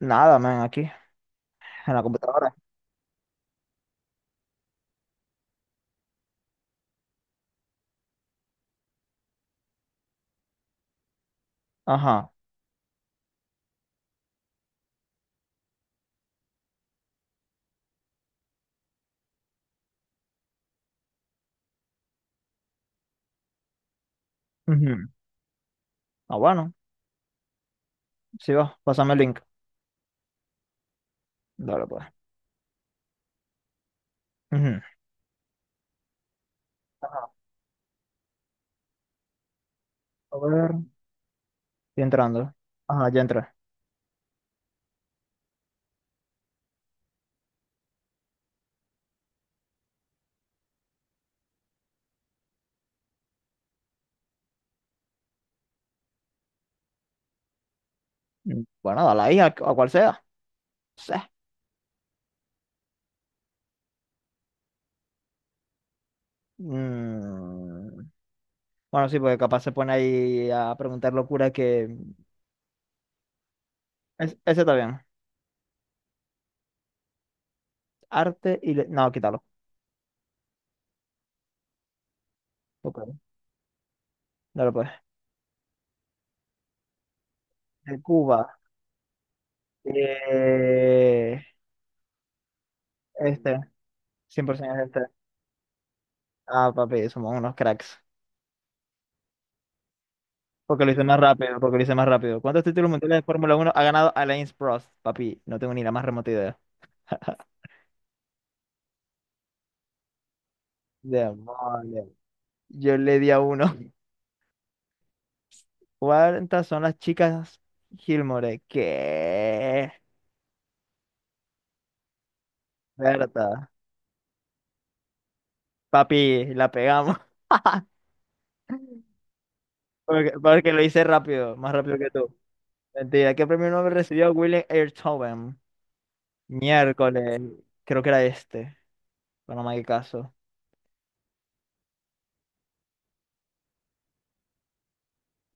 Nada, man, aquí, en la computadora. Ajá. Ujú. Ah, bueno, sí va, pásame el link. Dale, pues. Ujú. Ajá. A ver. Estoy entrando. Ajá, ya entré. Bueno, dale ahí a, cual sea. Sí. Mm, Bueno, sí, porque capaz se pone ahí a preguntar locura que... Es- ese está bien. Arte y... le- No, quítalo. Ok, dale pues. De Cuba. Eh, Este. 100% es este. Ah, papi, somos unos cracks. Porque lo hice más rápido, porque lo hice más rápido. ¿Cuántos títulos mundiales de Fórmula Uno ha ganado Alain Prost? Papi, no tengo ni la más remota idea. Demonios. Yo le di a uno. ¿Cuántas son las chicas Gilmore? ¿Qué? Berta. Papi, la pegamos. Porque, porque lo hice rápido, más rápido que tú. Mentira, ¿qué premio Nobel recibió Willem Einthoven? Miércoles. Creo que era este. Bueno, no me hagas caso.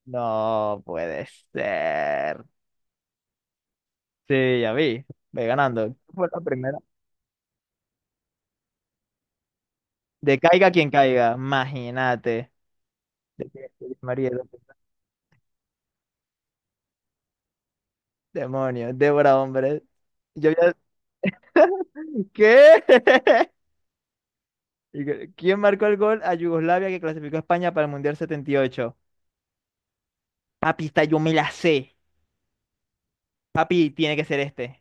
No puede ser. Sí, ya vi, ve ganando. Fue la primera. De caiga quien caiga, imagínate. De que- de María, de- demonio, Débora, hombre. Yo ya- ¿Qué? Y que- ¿Quién marcó el gol a Yugoslavia que clasificó a España para el Mundial 78? Papi, esta yo me la sé. Papi, tiene que ser este.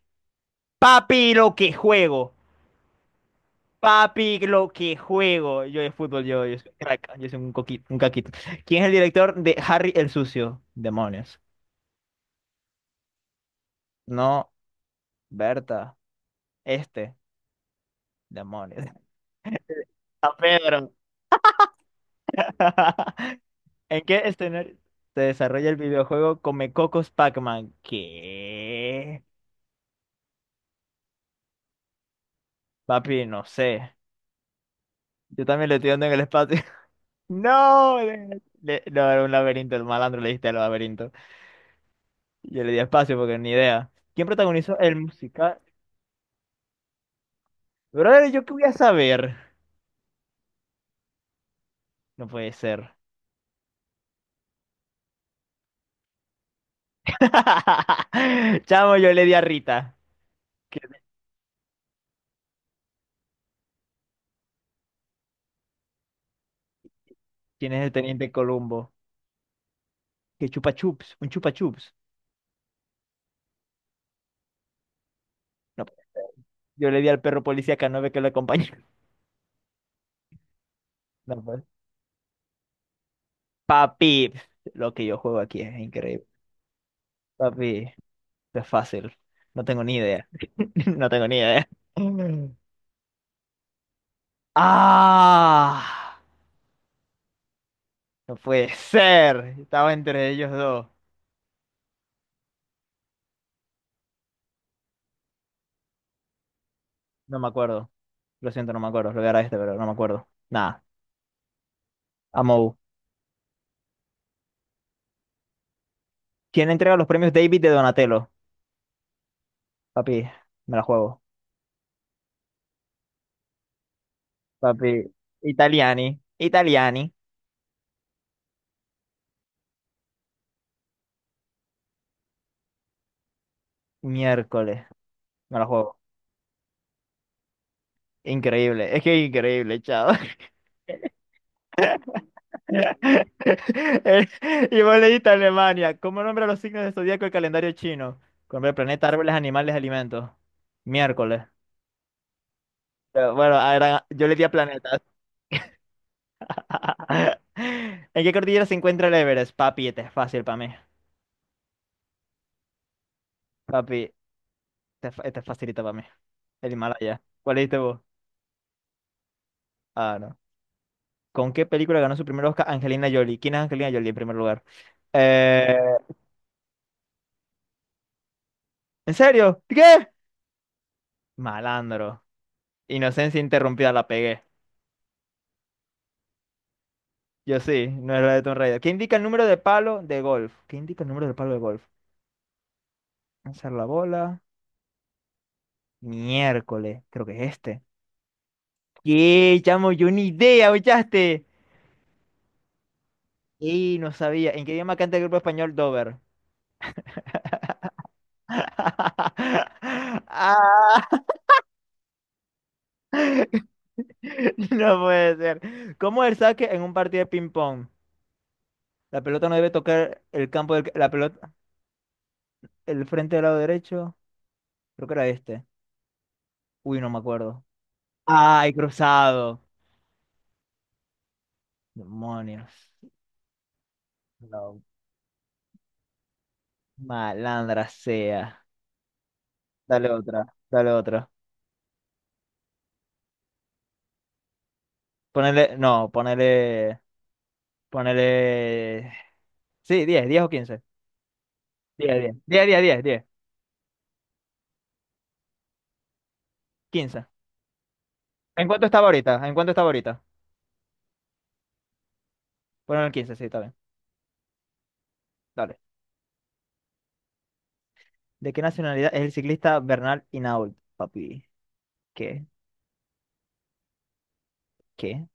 Papi, lo que juego. Papi, lo que juego. Yo de fútbol, yo soy un crack, yo soy un coquito, un caquito. ¿Quién es el director de Harry el Sucio? Demonios. No. Berta, este, demonios. Pedro. ¿En qué escenario se desarrolla el videojuego Come Cocos Pac-Man? ¿Qué? Papi, no sé. Yo también le estoy dando en el espacio. No, le- le- no, era un laberinto, el malandro le diste al laberinto. Yo le di espacio porque ni idea. ¿Quién protagonizó el musical? Brother, ¿yo qué voy a saber? No puede ser. Chamo, yo le di a Rita. ¿Qué- ¿Quién es el teniente Columbo? ¿Qué chupa chups? ¿Un chupa chups? No. Yo le di al perro policía Canove que lo acompañó. No, pues. Papi, lo que yo juego aquí es increíble. Papi, esto es fácil. No tengo ni idea. No tengo ni idea. ¡Ah! No puede ser. Estaba entre ellos dos. No me acuerdo. Lo siento, no me acuerdo. Lo voy a dar a este, pero no me acuerdo. Nada. Amou. ¿Quién entrega los premios David de Donatello? Papi, me la juego. Papi, Italiani. Italiani. Miércoles. Me la juego. Increíble, es que increíble, chao. Y vos leíste Alemania. ¿Cómo nombra los signos del zodiaco el calendario chino? Con el planeta, árboles, animales, alimentos. Miércoles. Pero bueno, ah, era- yo le di a planetas. ¿En qué cordillera se encuentra el Everest? Papi, este es fácil para mí. Papi, este, es fa- este es facilita para mí. El Himalaya. ¿Cuál leíste vos? Ah, no. ¿Con qué película ganó su primer Oscar Angelina Jolie? ¿Quién es Angelina Jolie en primer lugar? Eh, ¿En serio? ¿Qué? Malandro. Inocencia interrumpida, la pegué. Yo sí, no era de Tomb Raider. ¿Qué indica el número de palo de golf? ¿Qué indica el número de palo de golf? Lanzar la bola. Miércoles, creo que es este. ¿Qué, chamo? Yo ni idea, ¿ochaste? Y no sabía. ¿En qué idioma canta el grupo español Dover? Ah, no puede ser. ¿Cómo es el saque en un partido de ping-pong? La pelota no debe tocar el campo del... La pelota... El frente del lado derecho. Creo que era este. Uy, no me acuerdo. Ay, cruzado. Demonios. No, malandra sea. Dale otra, dale otra. Ponele, no, ponele, ponele. Sí, 10, 10 o quince. Diez, diez, diez, diez, diez, 10, 15. ¿En cuánto estaba ahorita? ¿En cuánto estaba ahorita? Ponele el 15, sí, está bien. Dale. ¿De qué nacionalidad es el ciclista Bernal Hinault, papi? ¿Qué? ¿Qué?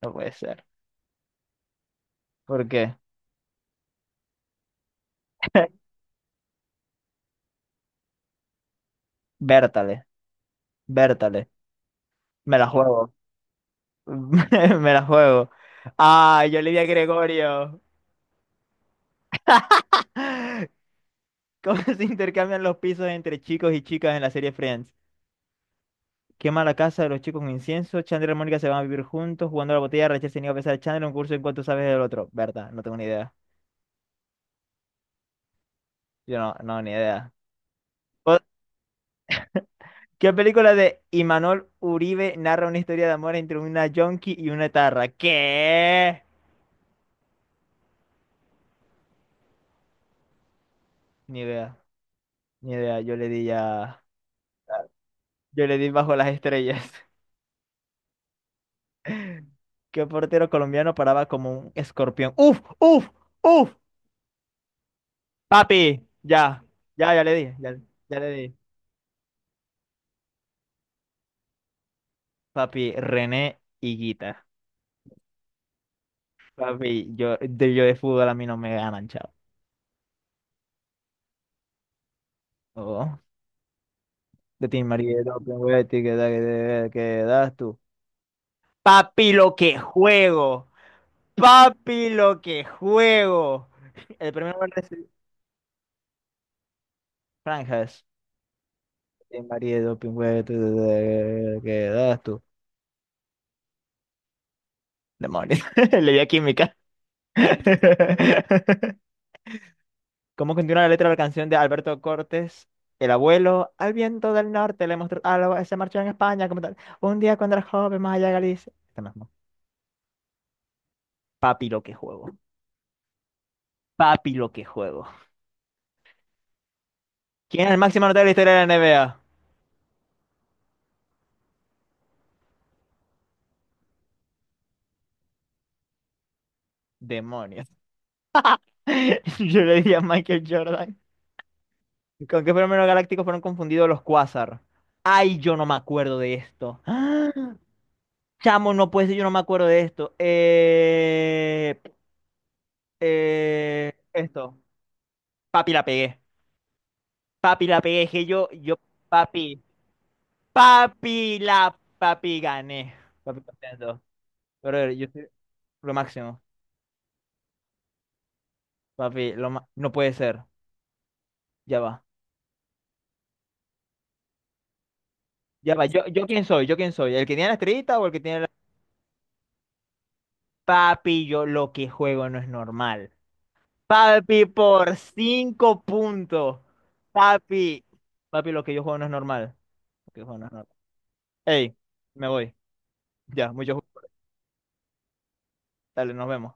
No puede ser. ¿Por qué? Bértale, Bértale. Me la juego. Me la juego. Ah, yo le di a Gregorio. ¿Cómo se intercambian los pisos entre chicos y chicas en la serie Friends? Quema la casa de los chicos con incienso. Chandler y Mónica se van a vivir juntos jugando a la botella. Rachel se niega a besar a Chandler un curso en cuanto sabes del otro. Berta, no tengo ni idea. Yo no, no, ni idea. O- ¿Qué película de Imanol Uribe narra una historia de amor entre una yonki y una tarra? ¿Qué? Ni idea, ni idea. Yo le di ya. Yo le di bajo las estrellas. ¿Qué portero colombiano paraba como un escorpión? ¡Uf! ¡Uf! ¡Uf! Papi, ya, ya, ya le dije, ya, ya le dije. Papi, René Higuita. Papi, yo de fútbol a mí no me ganan, chao. Oh, de Team María, ¿qué da- qué das tú? Papi, lo que juego. Papi, lo que juego. El primer lugar de este franjas. De María, doping, güey, tú, ¿qué das tú? Demonios. Le di a química. ¿Cómo continúa la letra de la canción de Alberto Cortés? El abuelo, al viento del norte le mostró algo, se marchó en España como tal. Un día cuando era joven, más allá de Galicia. Este mismo. Papi, lo que juego. Papi, lo que juego. ¿Quién es el máximo anotador de la historia de la NBA? Demonios. Yo le diría a Michael Jordan. ¿Con qué fenómeno galáctico fueron confundidos los cuásar? Ay, yo no me acuerdo de esto. ¡Ah! Chamo, no puede ser, yo no me acuerdo de esto. Esto. Papi, la pegué. Papi, la pegué, dije papi, la, papi, gané. Papi, contento. Pero yo soy lo máximo. Papi, lo ma- no puede ser. Ya va. Ya va. Yo quién soy, yo quién soy. ¿El que tiene la estrellita o el que tiene la... Papi, yo lo que juego no es normal. Papi, por 5 puntos. Papi. Papi, lo que yo juego no es normal. Lo que yo juego no es normal. Ey, me voy. Ya, mucho gusto. Dale, nos vemos.